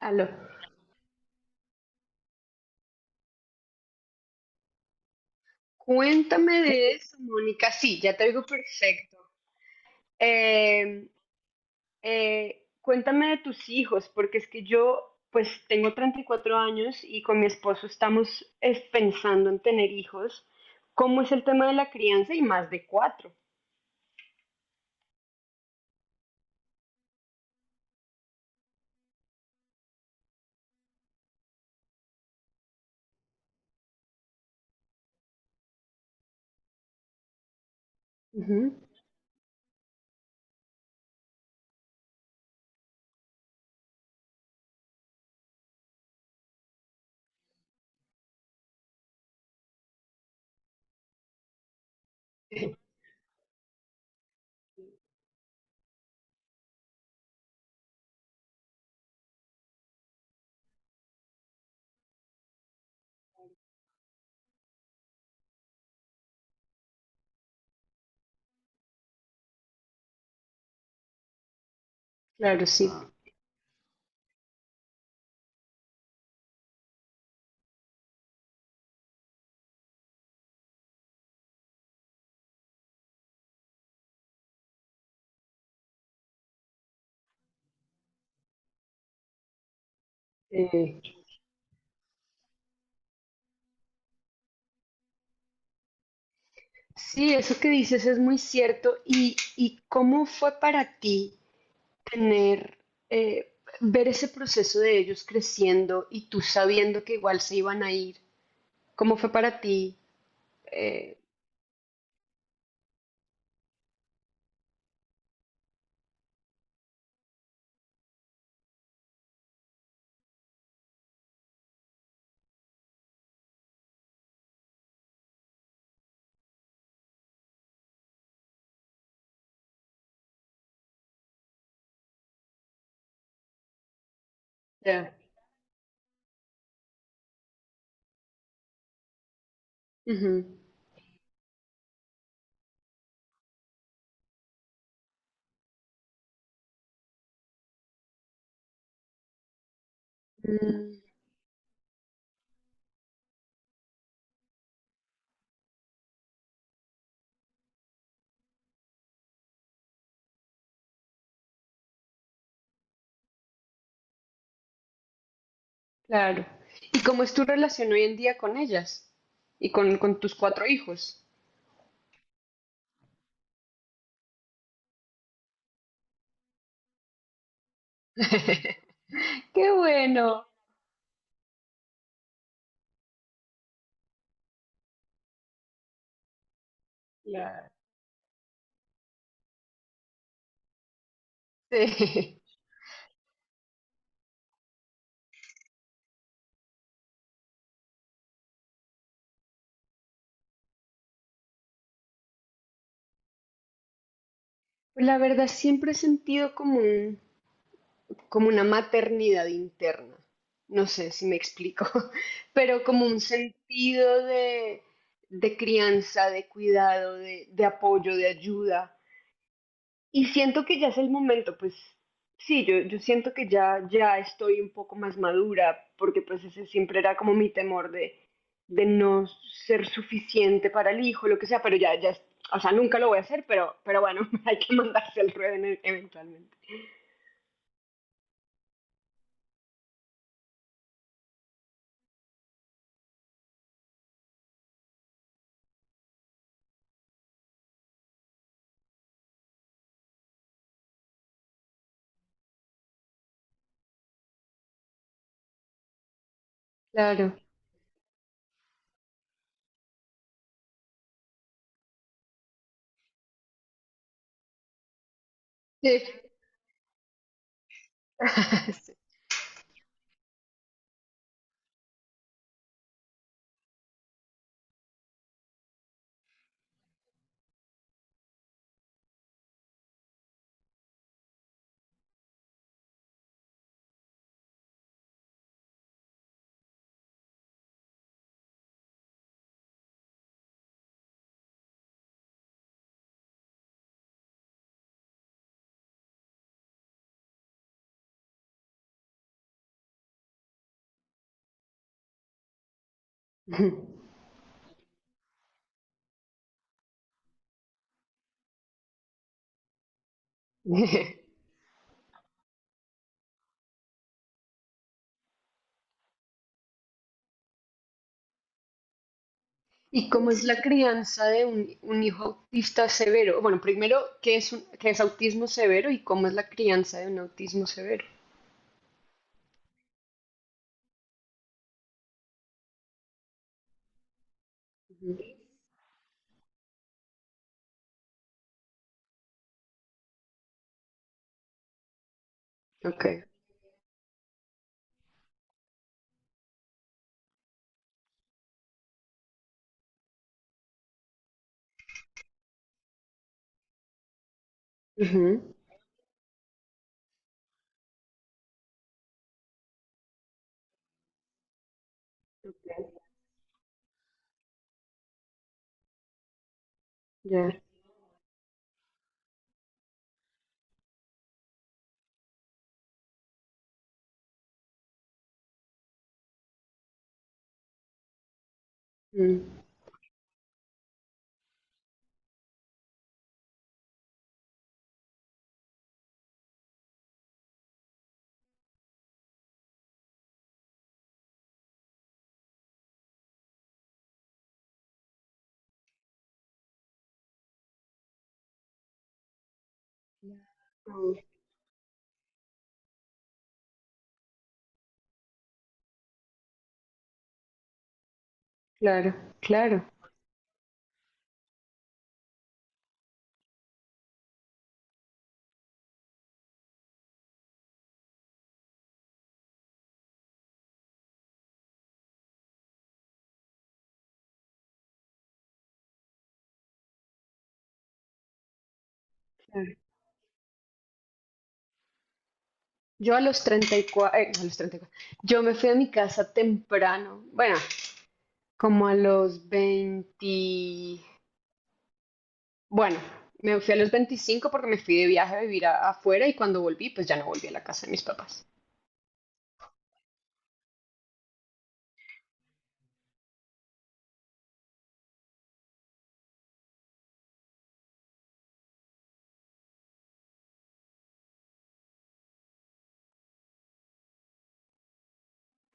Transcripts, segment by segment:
Aló. Cuéntame de eso, Mónica. Sí, ya te oigo perfecto. Eh, cuéntame de tus hijos, porque es que yo, pues tengo 34 años y con mi esposo estamos pensando en tener hijos. ¿Cómo es el tema de la crianza y más de cuatro? Ujú. Eh, Claro, sí. Ah. Eh, Sí, eso que dices es muy cierto. ¿Y cómo fue para ti? tener, eh, ver ese proceso de ellos creciendo y tú sabiendo que igual se iban a ir, ¿cómo fue para ti? Eh, ya. Ujú. Mm, claro. ¿Y cómo es tu relación hoy en día con ellas y con tus cuatro hijos? Qué bueno. Claro. Sí. Pues, la verdad, siempre he sentido como una maternidad interna. No sé si me explico, pero como un sentido de, crianza, de cuidado, de apoyo, de ayuda. Y siento que ya es el momento, pues sí, yo siento que ya estoy un poco más madura, porque pues ese siempre era como mi temor de, no ser suficiente para el hijo, lo que sea, pero ya, o sea, nunca lo voy a hacer, pero bueno, hay que mandarse al ruedo eventualmente. Claro. Sí. Ujú. ¿Y cómo es la crianza de un hijo autista severo? Bueno, primero, ¿qué es autismo severo y cómo es la crianza de un autismo severo? Ujú. Ok. Ujú, ya. Mm. Mm, claro, claro. Yo a los 34, a los 34. Yo me fui a mi casa temprano, bueno, como a los 20, bueno, me fui a los 25 porque me fui de viaje a vivir afuera y cuando volví, pues ya no volví a la casa de mis papás.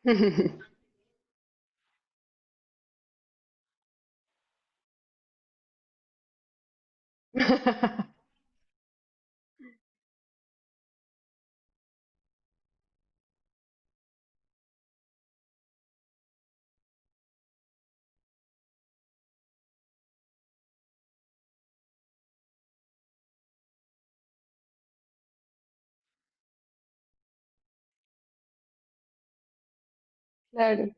Claro.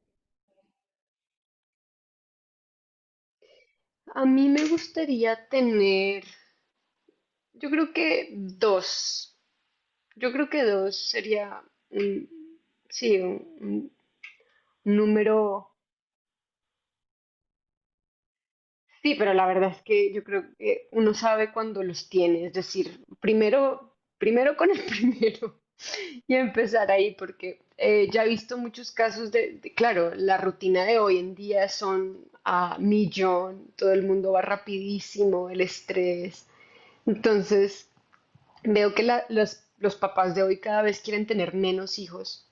A mí me gustaría tener, yo creo que dos, yo creo que dos sería, un- sí, un número, sí, pero la verdad es que yo creo que uno sabe cuando los tiene, es decir, primero, primero con el primero y empezar ahí, porque ya he visto muchos casos claro, la rutina de hoy en día son a millón, todo el mundo va rapidísimo, el estrés. Entonces, veo que los papás de hoy cada vez quieren tener menos hijos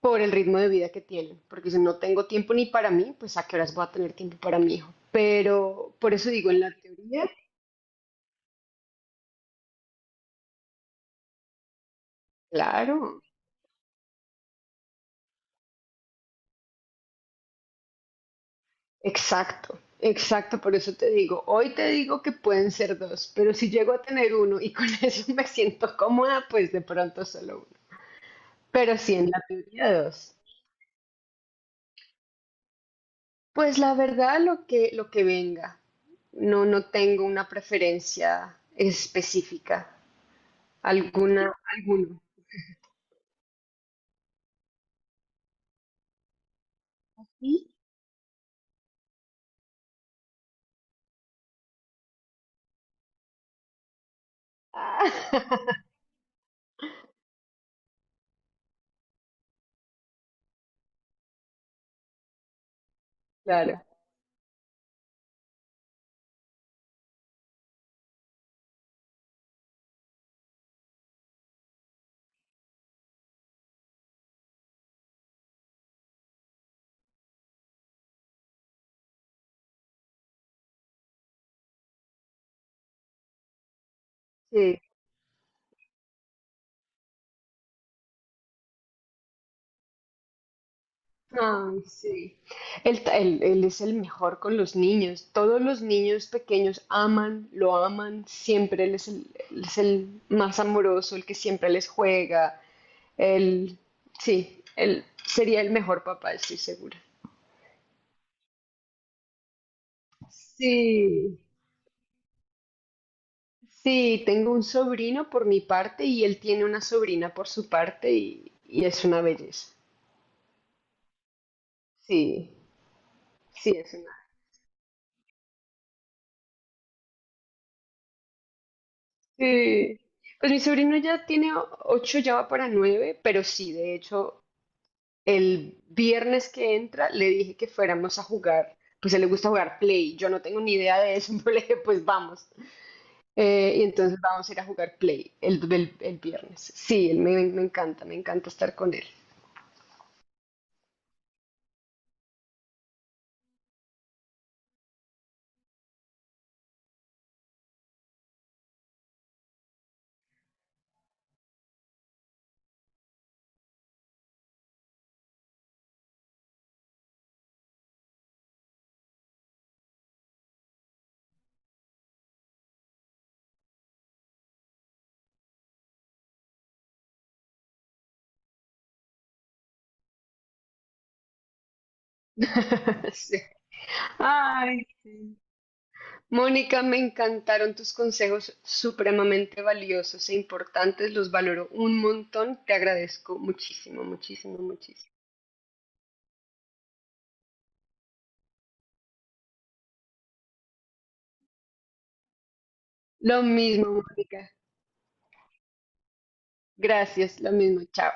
por el ritmo de vida que tienen, porque si no tengo tiempo ni para mí, pues a qué horas voy a tener tiempo para mi hijo. Pero por eso digo, en la teoría, claro, exacto, exacto, por eso te digo, hoy te digo que pueden ser dos, pero si llego a tener uno y con eso me siento cómoda, pues de pronto solo uno. Pero sí, en la teoría dos. Pues la verdad, lo que venga. No, no tengo una preferencia específica. Alguna, alguno. ¿Sí? Ah, Claro. Sí. Ay, sí. Él es el mejor con los niños. Todos los niños pequeños aman, lo aman. Siempre él es el más amoroso, el que siempre les juega. Él, sí, él sería el mejor papá, estoy segura. Sí, sí, tengo un sobrino por mi parte y él tiene una sobrina por su parte y es una belleza. Sí, sí, es una. Sí. Pues mi sobrino ya tiene ocho, ya va para nueve, pero sí, de hecho, el viernes que entra le dije que fuéramos a jugar, pues a él le gusta jugar Play, yo no tengo ni idea de eso, pero le dije, pues vamos. Y entonces vamos a ir a jugar Play el viernes. Sí, él me, me encanta estar con él. Sí. Ay, sí. Mónica, me encantaron tus consejos supremamente valiosos e importantes, los valoro un montón, te agradezco muchísimo, muchísimo, muchísimo. Lo mismo, Mónica. Gracias, lo mismo, chao.